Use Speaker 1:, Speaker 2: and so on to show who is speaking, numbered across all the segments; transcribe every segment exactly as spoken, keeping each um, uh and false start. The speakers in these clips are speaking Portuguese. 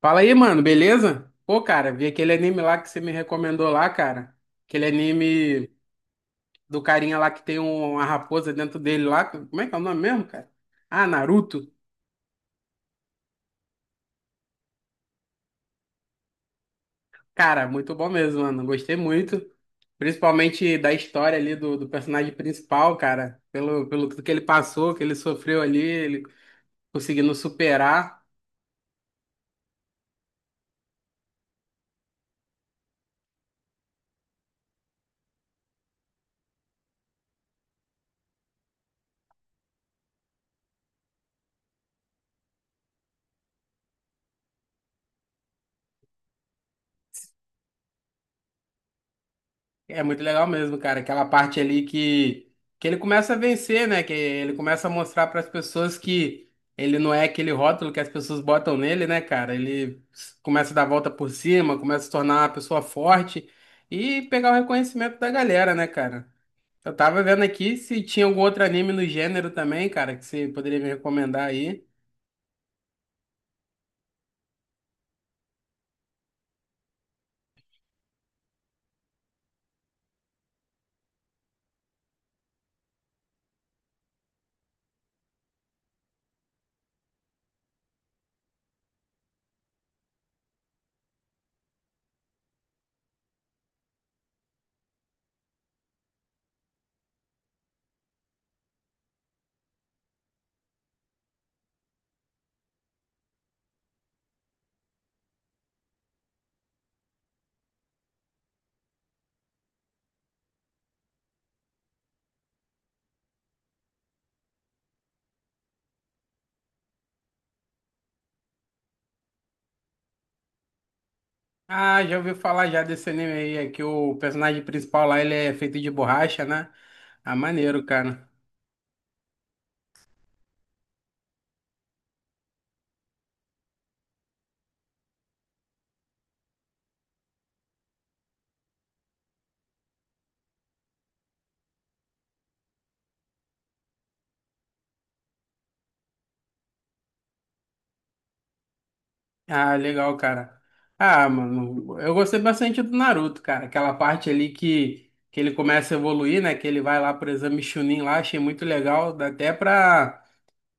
Speaker 1: Fala aí, mano, beleza? Pô, cara, vi aquele anime lá que você me recomendou lá, cara. Aquele anime do carinha lá que tem um- uma raposa dentro dele lá. Como é que é o nome mesmo, cara? Ah, Naruto. Cara, muito bom mesmo, mano. Gostei muito. Principalmente da história ali do, do personagem principal, cara. Pelo, pelo que ele passou, que ele sofreu ali, ele conseguindo superar. É muito legal mesmo, cara. Aquela parte ali que, que ele começa a vencer, né? Que ele começa a mostrar para as pessoas que ele não é aquele rótulo que as pessoas botam nele, né, cara? Ele s- começa a dar a volta por cima, começa a se tornar uma pessoa forte e pegar o reconhecimento da galera, né, cara? Eu tava vendo aqui se tinha algum outro anime no gênero também, cara, que você poderia me recomendar aí. Ah, já ouvi falar já desse anime aí, é que o personagem principal lá ele é feito de borracha, né? Ah, maneiro, cara. Ah, legal, cara. Ah, mano, eu gostei bastante do Naruto, cara. Aquela parte ali que, que ele começa a evoluir, né? Que ele vai lá pro exame Chunin lá, achei muito legal. Dá até pra,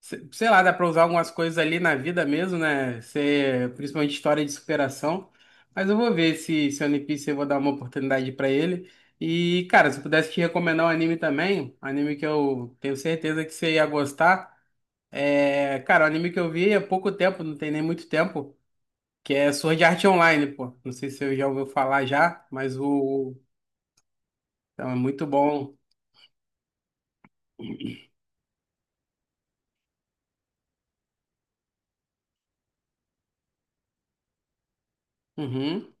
Speaker 1: se- Sei lá, dá pra usar algumas coisas ali na vida mesmo, né? Ser, principalmente história de superação. Mas eu vou ver se, se One Piece eu vou dar uma oportunidade pra ele. E, cara, se eu pudesse te recomendar um anime também, um anime que eu tenho certeza que você ia gostar. É, cara, o anime que eu vi há pouco tempo, não tem nem muito tempo, que é Sword Art Online, pô. Não sei se você já ouviu falar já, mas o. Então, é muito bom. Uhum.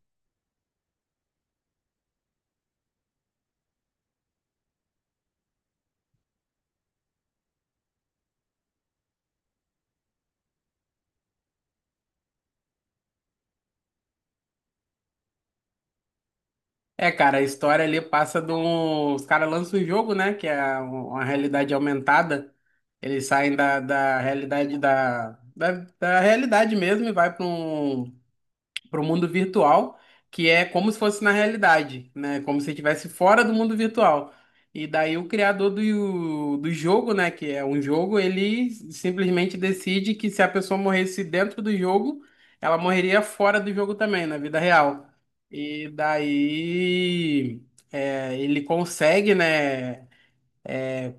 Speaker 1: É, cara, a história ali passa de um. Os caras lançam o jogo, né? Que é um, uma realidade aumentada. Eles saem da, da realidade da, da, da realidade mesmo e vai para para o mundo virtual, que é como se fosse na realidade, né? Como se estivesse fora do mundo virtual. E daí o criador do, do jogo, né, que é um jogo, ele simplesmente decide que se a pessoa morresse dentro do jogo, ela morreria fora do jogo também, na vida real. E daí é, ele consegue, né?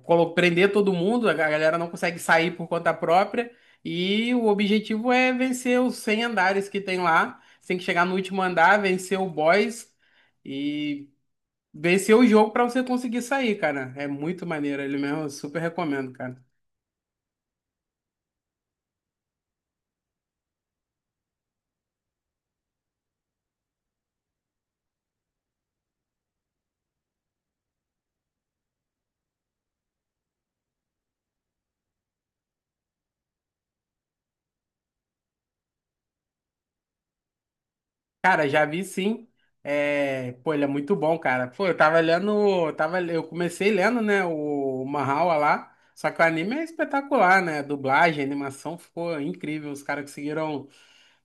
Speaker 1: colo- Prender todo mundo, a galera não consegue sair por conta própria, e o objetivo é vencer os cem andares que tem lá. Você tem que chegar no último andar, vencer o boss e vencer o jogo para você conseguir sair, cara. É muito maneiro, ele mesmo, eu super recomendo, cara. Cara, já vi sim. É, pô, ele é muito bom, cara. Pô, eu tava lendo, eu tava, eu comecei lendo, né, o Mahoua lá. Só que o anime é espetacular, né? Dublagem, animação ficou incrível. Os caras conseguiram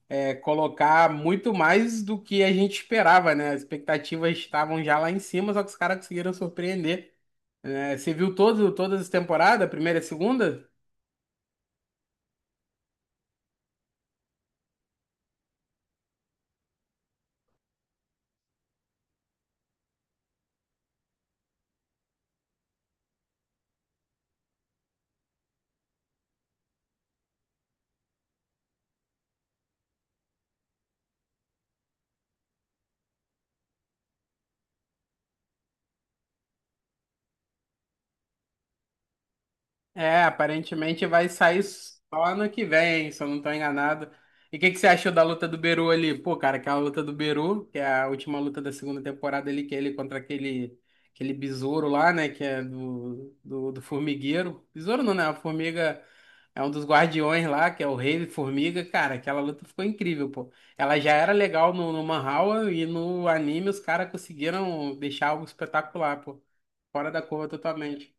Speaker 1: é, colocar muito mais do que a gente esperava, né? As expectativas estavam já lá em cima, só que os caras conseguiram surpreender. Né? Você viu todo, todas as temporadas, a primeira e a segunda? É, aparentemente vai sair só ano que vem, se eu não tô enganado. E o que que você achou da luta do Beru ali? Pô, cara, aquela luta do Beru, que é a última luta da segunda temporada ali, que é ele contra aquele, aquele besouro lá, né? Que é do, do, do formigueiro. Besouro não, né? A formiga é um dos guardiões lá, que é o rei formiga. Cara, aquela luta ficou incrível, pô. Ela já era legal no, no Manhwa e no anime os caras conseguiram deixar algo espetacular, pô. Fora da curva totalmente.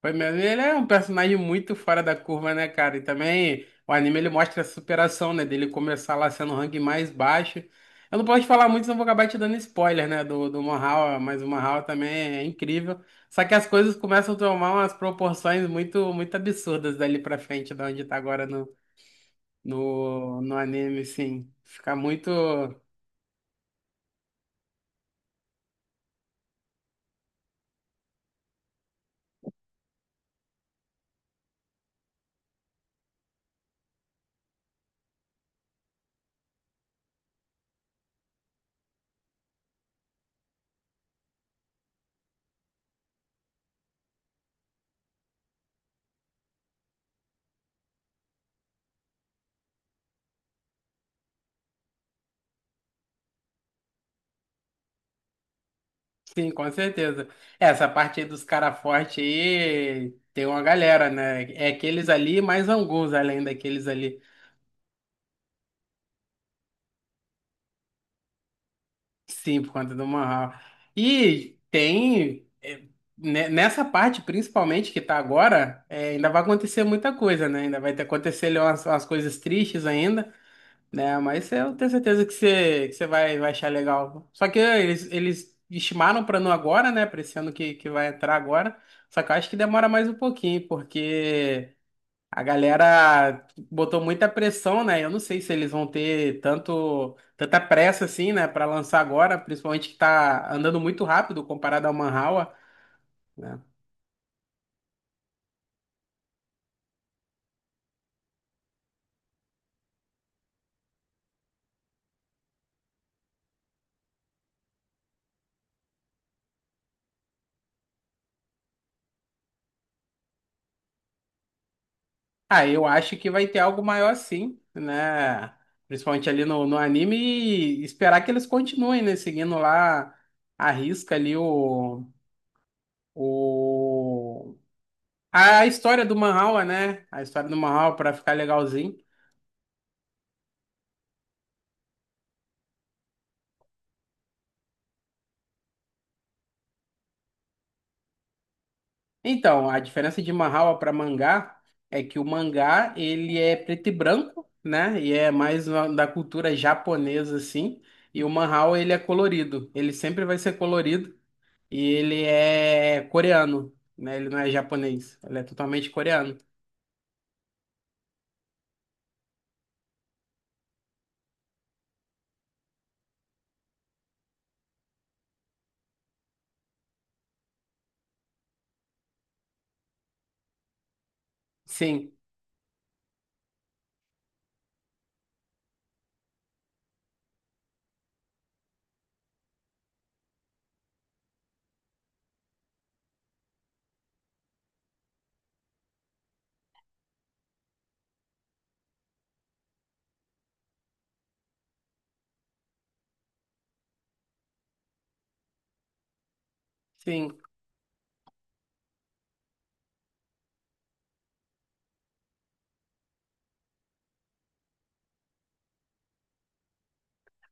Speaker 1: Foi mesmo. Ele é um personagem muito fora da curva, né, cara? E também o anime ele mostra a superação, né? Dele começar lá sendo o ranking mais baixo. Eu não posso falar muito, senão vou acabar te dando spoiler, né? Do, do Mahou, mas o Mahou também é incrível. Só que as coisas começam a tomar umas proporções muito, muito absurdas dali pra frente, da onde tá agora no, no, no anime, sim. Fica muito. Sim, com certeza. Essa parte aí dos cara forte aí tem uma galera, né? É aqueles ali e mais alguns além daqueles ali. Sim, por conta do Mahal. E tem é, ne- nessa parte principalmente que tá agora, é, ainda vai acontecer muita coisa, né? Ainda vai ter acontecer ali umas, umas coisas tristes ainda. Né? Mas eu tenho certeza que você, que você vai, vai achar legal. Só que eles, eles estimaram para não agora, né? Para esse ano que, que vai entrar agora. Só que eu acho que demora mais um pouquinho, porque a galera botou muita pressão, né? Eu não sei se eles vão ter tanto, tanta pressa assim, né? Para lançar agora, principalmente que tá andando muito rápido comparado ao Manhwa. Né? Ah, eu acho que vai ter algo maior sim, né? Principalmente ali no, no anime e esperar que eles continuem, né? Seguindo lá a risca ali o, o... A história do Manhwa, né? A história do Manhwa para ficar legalzinho. Então, a diferença de Manhwa para mangá é que o mangá, ele é preto e branco, né? E é mais na- da cultura japonesa, assim. E o Manhwa, ele é colorido. Ele sempre vai ser colorido. E ele é coreano, né? Ele não é japonês, ele é totalmente coreano. Sim, sim.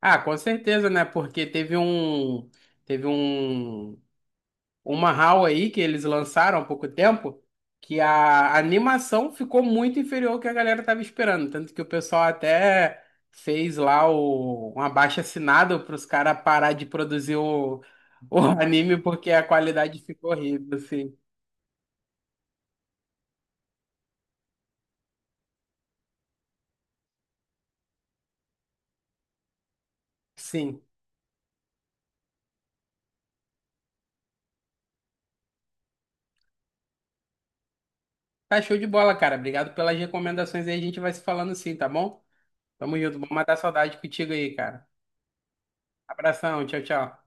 Speaker 1: Ah, com certeza, né? Porque teve um teve um uma H A L aí que eles lançaram há pouco tempo que a animação ficou muito inferior ao que a galera tava esperando, tanto que o pessoal até fez lá o, um abaixo-assinado para os caras parar de produzir o, o anime porque a qualidade ficou horrível, assim. Sim. Tá show de bola, cara. Obrigado pelas recomendações aí. A gente vai se falando sim, tá bom? Tamo junto. Vamos matar a saudade contigo aí, cara. Abração. Tchau, tchau.